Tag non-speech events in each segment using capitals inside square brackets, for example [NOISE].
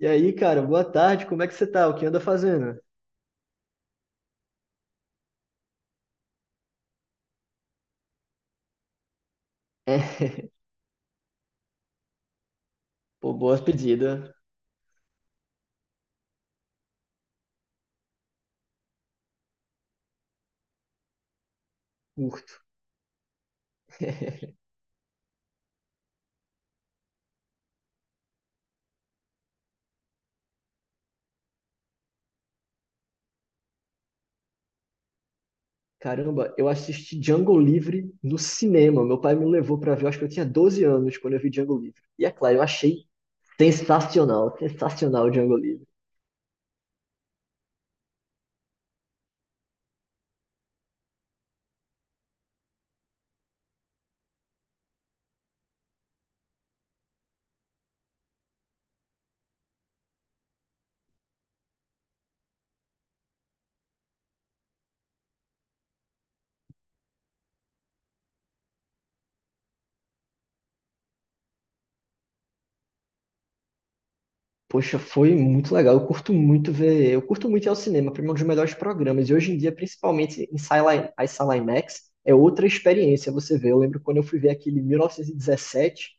E aí, cara, boa tarde, como é que você tá? O que anda fazendo? [LAUGHS] É, pô, boa pedida. Curto. Caramba, eu assisti Django Livre no cinema. Meu pai me levou pra ver, eu acho que eu tinha 12 anos quando eu vi Django Livre. E é claro, eu achei sensacional, sensacional Django Livre. Poxa, foi muito legal. Eu curto muito ir ao cinema, pra mim é um dos melhores programas. E hoje em dia, principalmente em sala, as sala IMAX, é outra experiência você vê. Eu lembro quando eu fui ver aquele 1917,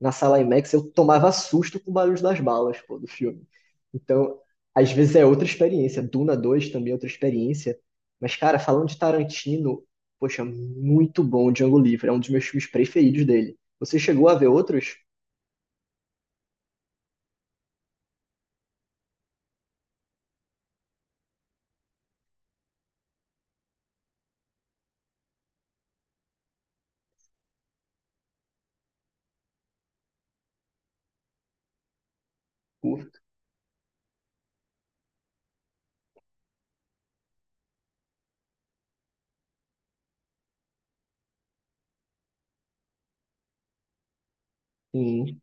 na sala IMAX, eu tomava susto com o barulho das balas, pô, do filme. Então, às vezes é outra experiência. Duna dois também é outra experiência. Mas, cara, falando de Tarantino, poxa, muito bom Django Livre. É um dos meus filmes preferidos dele. Você chegou a ver outros? Sim.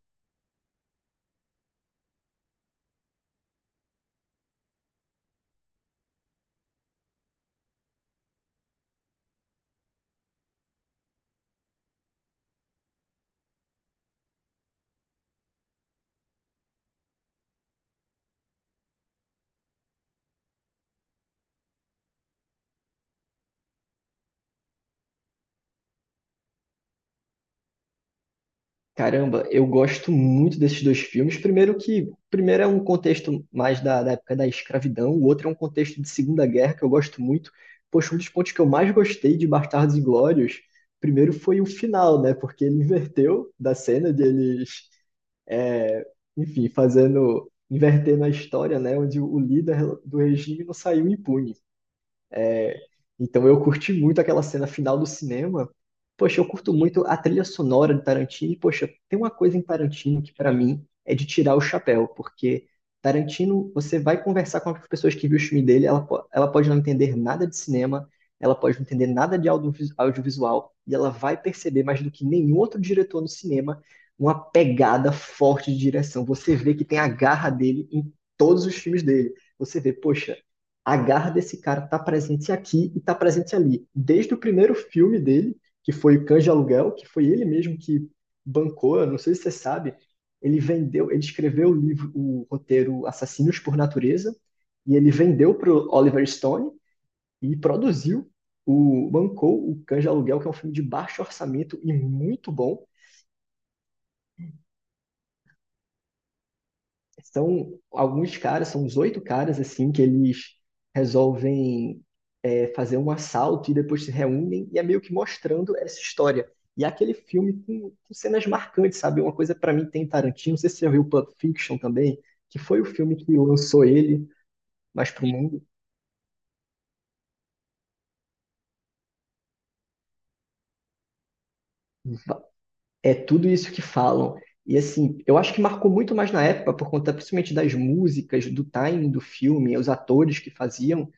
Caramba, eu gosto muito desses dois filmes. Primeiro que, primeiro é um contexto mais da época da escravidão, o outro é um contexto de Segunda Guerra que eu gosto muito. Poxa, um dos pontos que eu mais gostei de Bastardos Inglórios, primeiro foi o final, né? Porque ele inverteu da cena deles, enfim, fazendo, invertendo a história, né? Onde o líder do regime não saiu impune. Então eu curti muito aquela cena final do cinema. Poxa, eu curto muito a trilha sonora de Tarantino. E, poxa, tem uma coisa em Tarantino que pra mim é de tirar o chapéu, porque Tarantino, você vai conversar com as pessoas que viu o filme dele, ela, ela pode não entender nada de cinema, ela pode não entender nada de audiovisual, e ela vai perceber mais do que nenhum outro diretor no cinema uma pegada forte de direção. Você vê que tem a garra dele em todos os filmes dele. Você vê, poxa, a garra desse cara tá presente aqui e tá presente ali. Desde o primeiro filme dele, que foi o Cães de Aluguel, que foi ele mesmo que bancou, eu não sei se você sabe, ele vendeu, ele escreveu o livro, o roteiro Assassinos por Natureza, e ele vendeu pro Oliver Stone e produziu o bancou o Cães de Aluguel, que é um filme de baixo orçamento e muito bom. São alguns caras, são uns oito caras assim que eles resolvem fazer um assalto e depois se reúnem, e é meio que mostrando essa história. E é aquele filme com cenas marcantes, sabe? Uma coisa para mim tem Tarantino, não sei se você já viu Pulp Fiction também, que foi o filme que lançou ele mais pro mundo. É tudo isso que falam. E assim, eu acho que marcou muito mais na época, por conta principalmente das músicas, do timing do filme, os atores que faziam.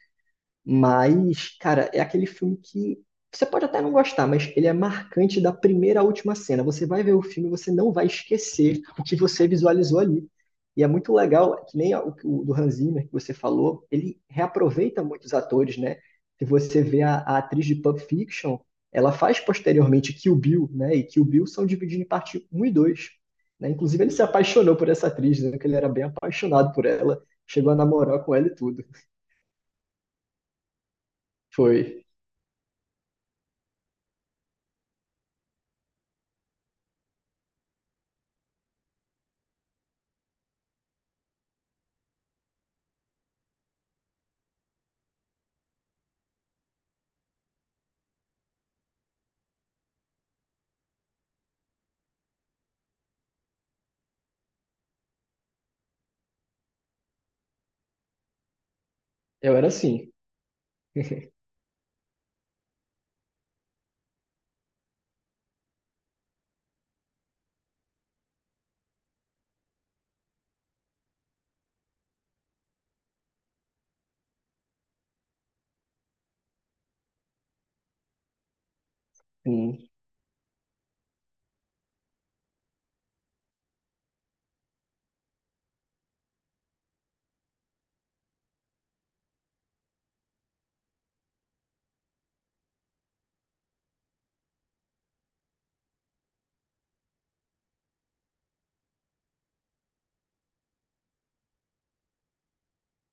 Mas, cara, é aquele filme que você pode até não gostar, mas ele é marcante da primeira à última cena. Você vai ver o filme e você não vai esquecer o que você visualizou ali. E é muito legal, que nem o do Hans Zimmer que você falou, ele reaproveita muitos atores, né? Se você vê a atriz de Pulp Fiction, ela faz posteriormente Kill Bill, né? E Kill Bill são divididos em parte um e dois. Né? Inclusive, ele se apaixonou por essa atriz, né? Que ele era bem apaixonado por ela, chegou a namorar com ela e tudo. Foi. Eu era assim. [LAUGHS] Sim,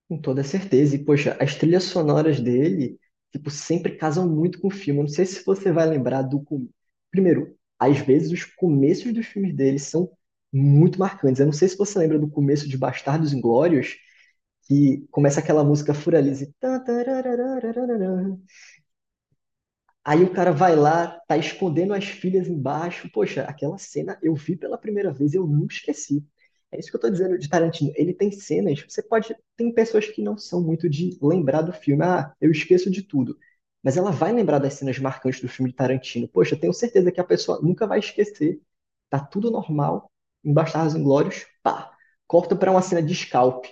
com toda certeza. E, poxa, as trilhas sonoras dele, tipo, sempre casam muito com o filme. Eu não sei se você vai lembrar do... com- Primeiro, às vezes os começos dos filmes dele são muito marcantes. Eu não sei se você lembra do começo de Bastardos Inglórios, que começa aquela música Furalize. Aí o cara vai lá, tá escondendo as filhas embaixo. Poxa, aquela cena eu vi pela primeira vez, eu nunca esqueci. É isso que eu tô dizendo de Tarantino. Ele tem cenas, você pode. Tem pessoas que não são muito de lembrar do filme. Ah, eu esqueço de tudo. Mas ela vai lembrar das cenas marcantes do filme de Tarantino. Poxa, eu tenho certeza que a pessoa nunca vai esquecer. Tá tudo normal. Em Bastardos Inglórios, pá. Corta pra uma cena de scalp.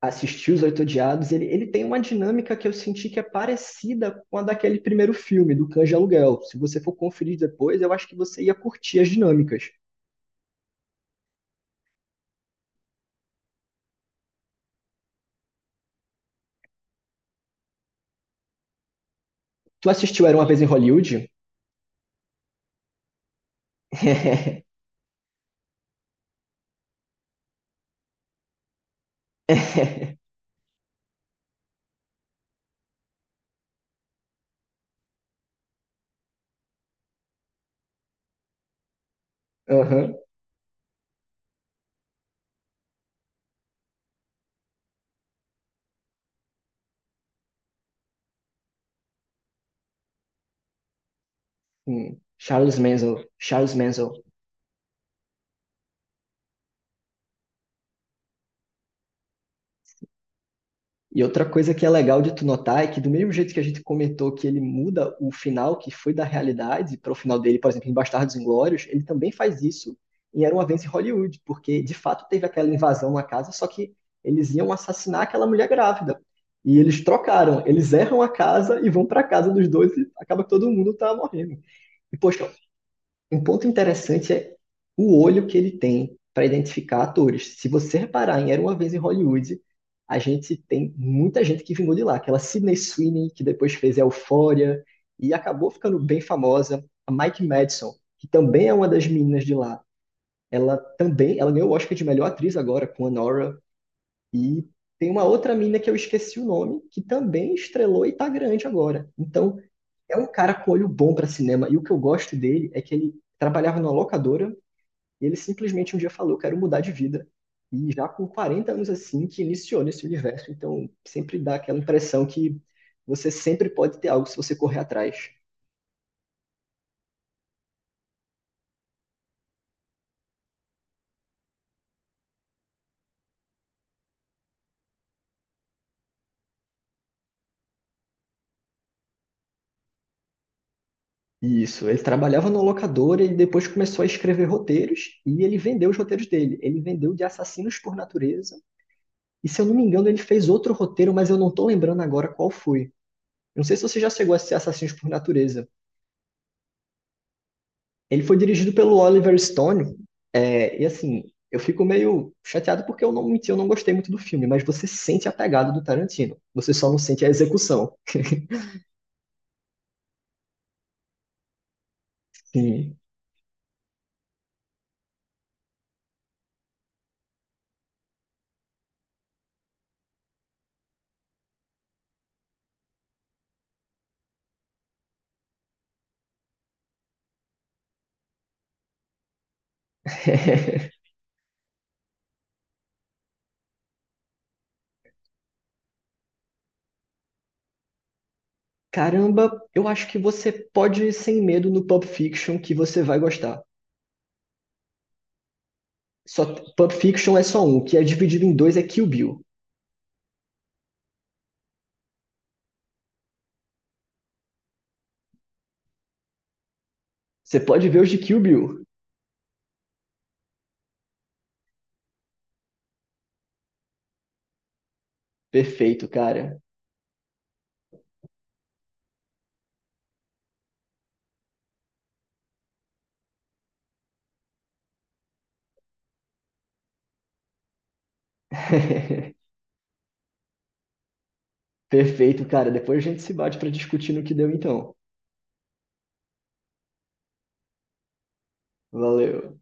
Assistir Os Oito Odiados, ele tem uma dinâmica que eu senti que é parecida com a daquele primeiro filme, do Cães de Aluguel. Se você for conferir depois, eu acho que você ia curtir as dinâmicas. Tu assistiu Era Uma Vez em Hollywood? [LAUGHS] Aham. Hum. Charles Manson. Charles Manson. E outra coisa que é legal de tu notar é que do mesmo jeito que a gente comentou que ele muda o final que foi da realidade para o final dele, por exemplo, em Bastardos Inglórios, ele também faz isso em Era Uma Vez em Hollywood, porque de fato teve aquela invasão na casa, só que eles iam assassinar aquela mulher grávida. E eles trocaram, eles erram a casa e vão para a casa dos dois e acaba que todo mundo tá morrendo. E poxa, um ponto interessante é o olho que ele tem para identificar atores. Se você reparar em Era Uma Vez em Hollywood, a gente tem muita gente que vingou de lá. Aquela Sydney Sweeney, que depois fez Euphoria e acabou ficando bem famosa. A Mike Madison, que também é uma das meninas de lá. Ela também, ela ganhou o Oscar de melhor atriz agora com a Nora. E tem uma outra mina que eu esqueci o nome, que também estrelou e tá grande agora. Então, é um cara com olho bom pra cinema. E o que eu gosto dele é que ele trabalhava numa locadora e ele simplesmente um dia falou: quero mudar de vida. E já com 40 anos assim, que iniciou nesse universo. Então, sempre dá aquela impressão que você sempre pode ter algo se você correr atrás. Isso, ele trabalhava numa locadora e depois começou a escrever roteiros e ele vendeu os roteiros dele. Ele vendeu de Assassinos por Natureza. E se eu não me engano, ele fez outro roteiro, mas eu não tô lembrando agora qual foi. Eu não sei se você já chegou a assistir Assassinos por Natureza. Ele foi dirigido pelo Oliver Stone, é, e assim, eu fico meio chateado porque eu não menti, eu não gostei muito do filme, mas você sente a pegada do Tarantino. Você só não sente a execução. [LAUGHS] Sim. [LAUGHS] Caramba, eu acho que você pode ir sem medo no Pulp Fiction que você vai gostar. Só Pulp Fiction é só um, o que é dividido em dois é Kill Bill. Você pode ver os de Kill Bill. Perfeito, cara. [LAUGHS] Perfeito, cara. Depois a gente se bate para discutir no que deu então. Valeu.